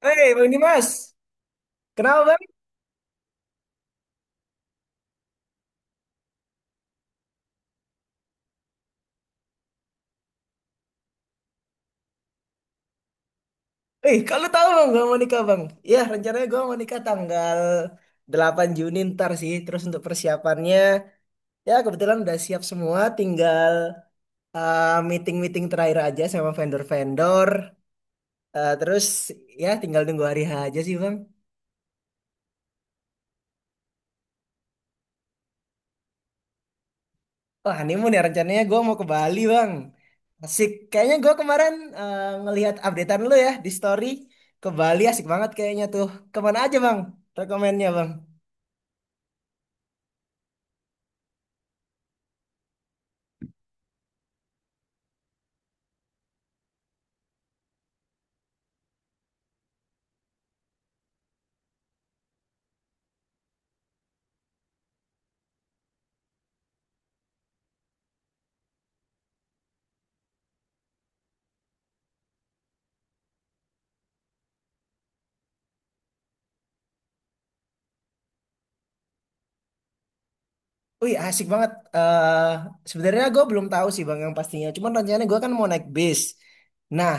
Hei, Bang Dimas. Kenapa, Bang? Eh, kalau tahu, Bang, gua mau nikah, Bang. Ya, rencananya gua mau nikah tanggal 8 Juni ntar sih. Terus untuk persiapannya, ya kebetulan udah siap semua. Tinggal meeting-meeting terakhir aja sama vendor-vendor. Terus, ya tinggal nunggu hari H aja sih, Bang. Oh, honeymoon ya rencananya gua mau ke Bali, Bang. Asik. Kayaknya gua kemarin ngelihat updatean lu ya di story. Ke Bali asik banget kayaknya tuh. Kemana aja, Bang? Rekomennya, Bang. Wih, asik banget. eh Sebenarnya gue belum tahu sih Bang yang pastinya. Cuman rencananya gue kan mau naik bis. Nah,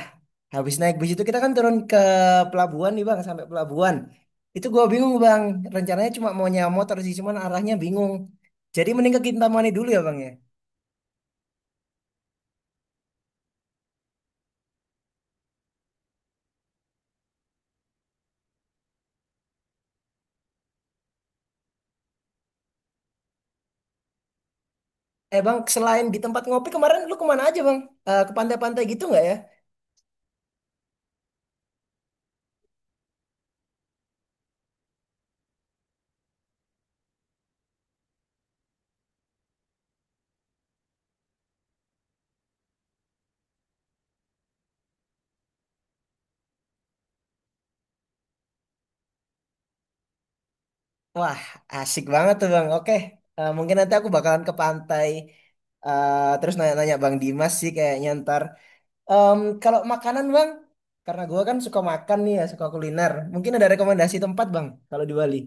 habis naik bis itu kita kan turun ke pelabuhan nih Bang, sampai pelabuhan. Itu gue bingung Bang. Rencananya cuma mau nyewa motor sih, cuman arahnya bingung. Jadi mending ke Kintamani dulu ya Bang ya. Eh Bang, selain di tempat ngopi kemarin lu kemana aja Bang? Eh, ke pantai-pantai gitu nggak ya? Wah, asik banget tuh Bang. Oke, mungkin nanti aku bakalan ke pantai. Terus nanya-nanya Bang Dimas sih kayaknya ntar. Kalau makanan bang, karena gua kan suka makan nih ya, suka kuliner. Mungkin ada rekomendasi tempat bang, kalau di Bali.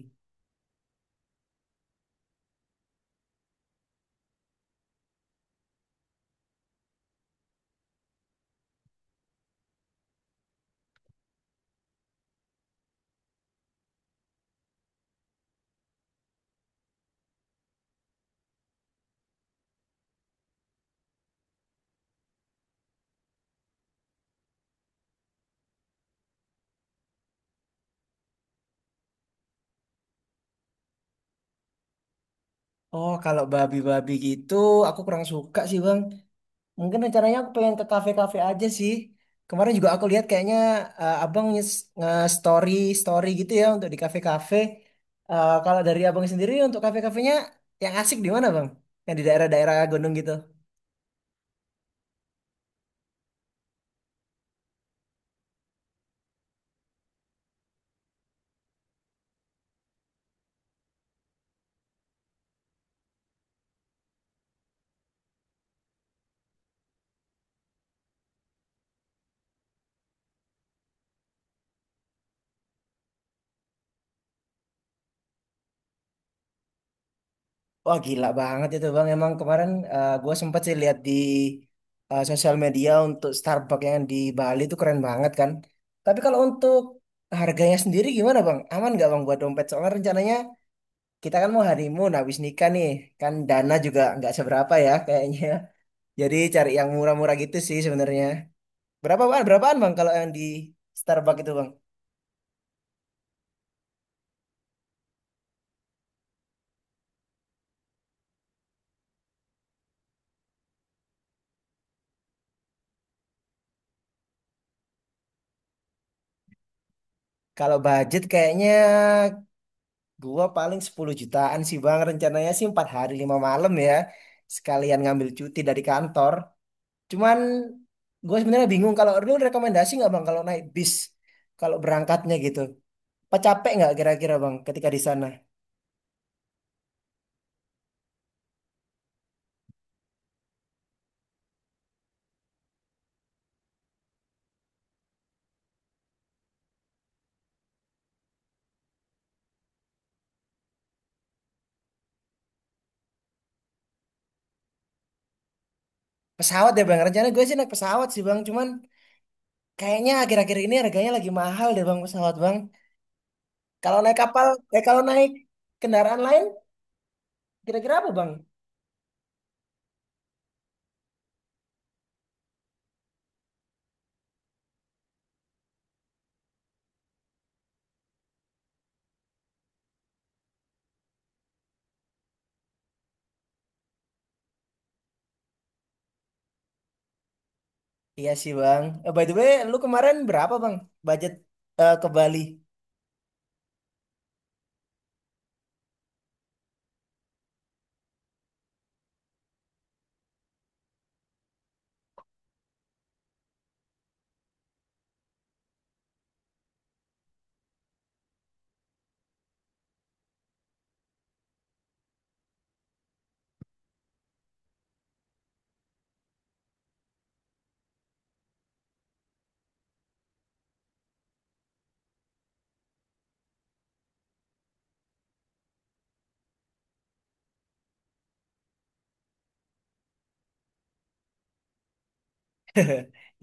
Oh, kalau babi-babi gitu, aku kurang suka sih bang. Mungkin rencananya aku pengen ke kafe-kafe aja sih. Kemarin juga aku lihat kayaknya abang nge- nge-story story gitu ya untuk di kafe-kafe. Eh, kalau dari abang sendiri untuk kafe-kafenya yang asik di mana bang? Yang di daerah-daerah gunung gitu. Wah gila banget itu bang. Emang kemarin gue sempet sih lihat di sosial media untuk Starbucks yang di Bali itu keren banget kan. Tapi kalau untuk harganya sendiri gimana bang? Aman nggak bang buat dompet? Soalnya rencananya kita kan mau honeymoon habis nikah nih. Kan dana juga nggak seberapa ya kayaknya. Jadi cari yang murah-murah gitu sih sebenarnya. Berapa bang? Berapaan bang kalau yang di Starbucks itu bang? Kalau budget kayaknya gua paling 10 jutaan sih Bang. Rencananya sih 4 hari 5 malam ya. Sekalian ngambil cuti dari kantor. Cuman gue sebenarnya bingung kalau lu rekomendasi nggak Bang kalau naik bis kalau berangkatnya gitu. Apa capek nggak kira-kira Bang ketika di sana? Pesawat ya Bang. Rencana gue sih naik pesawat sih Bang. Cuman kayaknya akhir-akhir ini harganya lagi mahal deh Bang pesawat Bang. Kalau naik kapal, kalau naik kendaraan lain kira-kira apa Bang? Iya sih Bang. By the way, lu kemarin berapa Bang budget ke Bali?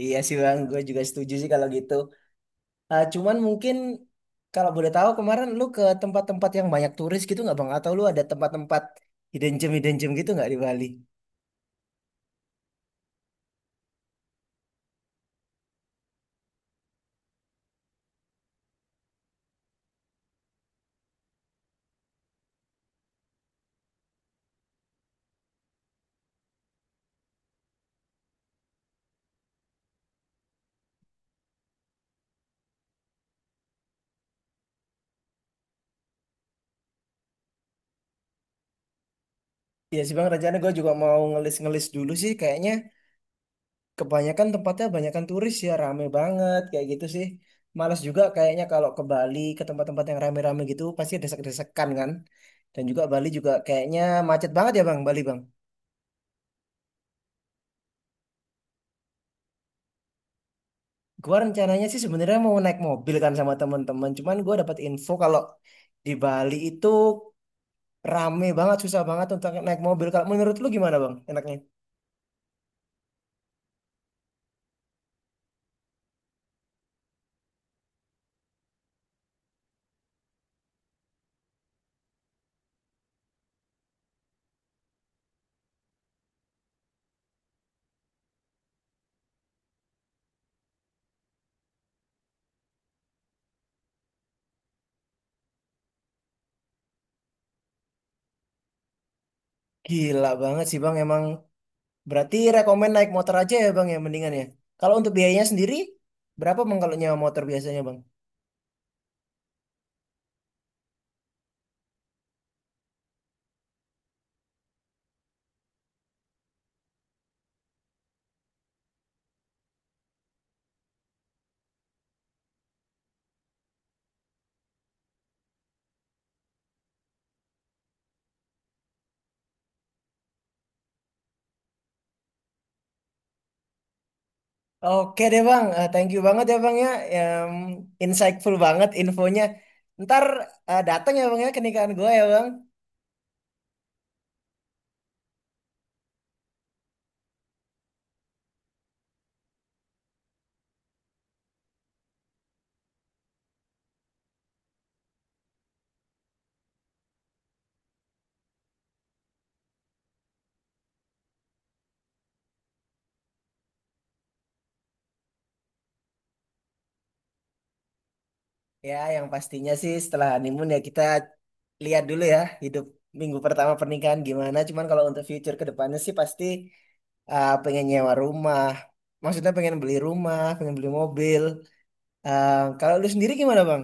Iya sih Bang, gue juga setuju sih kalau gitu. Ah, cuman mungkin kalau boleh tahu kemarin lu ke tempat-tempat yang banyak turis gitu nggak Bang? Atau lu ada tempat-tempat hidden gem gitu nggak di Bali? Iya sih Bang, rencana gue juga mau ngelis-ngelis dulu sih. Kayaknya kebanyakan tempatnya banyakan turis ya, rame banget kayak gitu sih. Males juga kayaknya kalau ke Bali ke tempat-tempat yang rame-rame gitu pasti desek-desekan kan. Dan juga Bali juga kayaknya macet banget ya Bang, Bali Bang. Gua rencananya sih sebenarnya mau naik mobil kan sama teman-teman. Cuman gua dapat info kalau di Bali itu rame banget, susah banget untuk naik mobil. Kalau menurut lu gimana bang? Enaknya? Gila banget sih bang. Emang berarti rekomen naik motor aja ya bang ya mendingan ya. Kalau untuk biayanya sendiri berapa bang kalau nyewa motor biasanya bang? Oke deh bang, thank you banget ya bang ya, Em, insightful banget infonya. Ntar datang ya bang ya ke nikahan gue ya bang. Ya, yang pastinya sih setelah honeymoon ya kita lihat dulu ya hidup minggu pertama pernikahan gimana. Cuman kalau untuk future ke depannya sih pasti pengen nyewa rumah. Maksudnya pengen beli rumah, pengen beli mobil. Eh, Kalau lu sendiri gimana bang?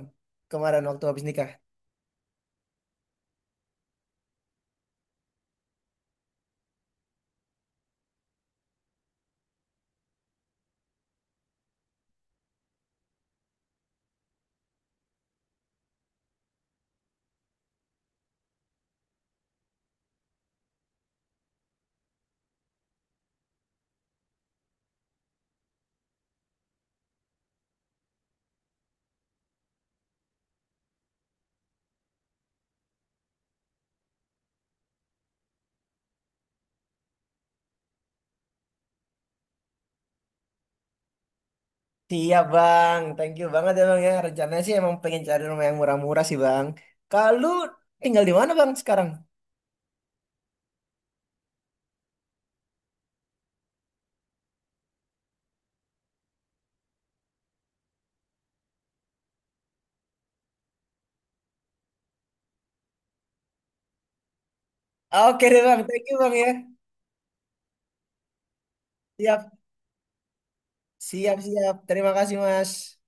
Kemarin waktu habis nikah. Siap bang, thank you banget ya bang ya. Rencananya sih emang pengen cari rumah yang murah-murah sih bang. Kalau lu tinggal di mana bang sekarang? Oke deh bang, thank you bang ya. Siap, siap, siap. Terima kasih mas.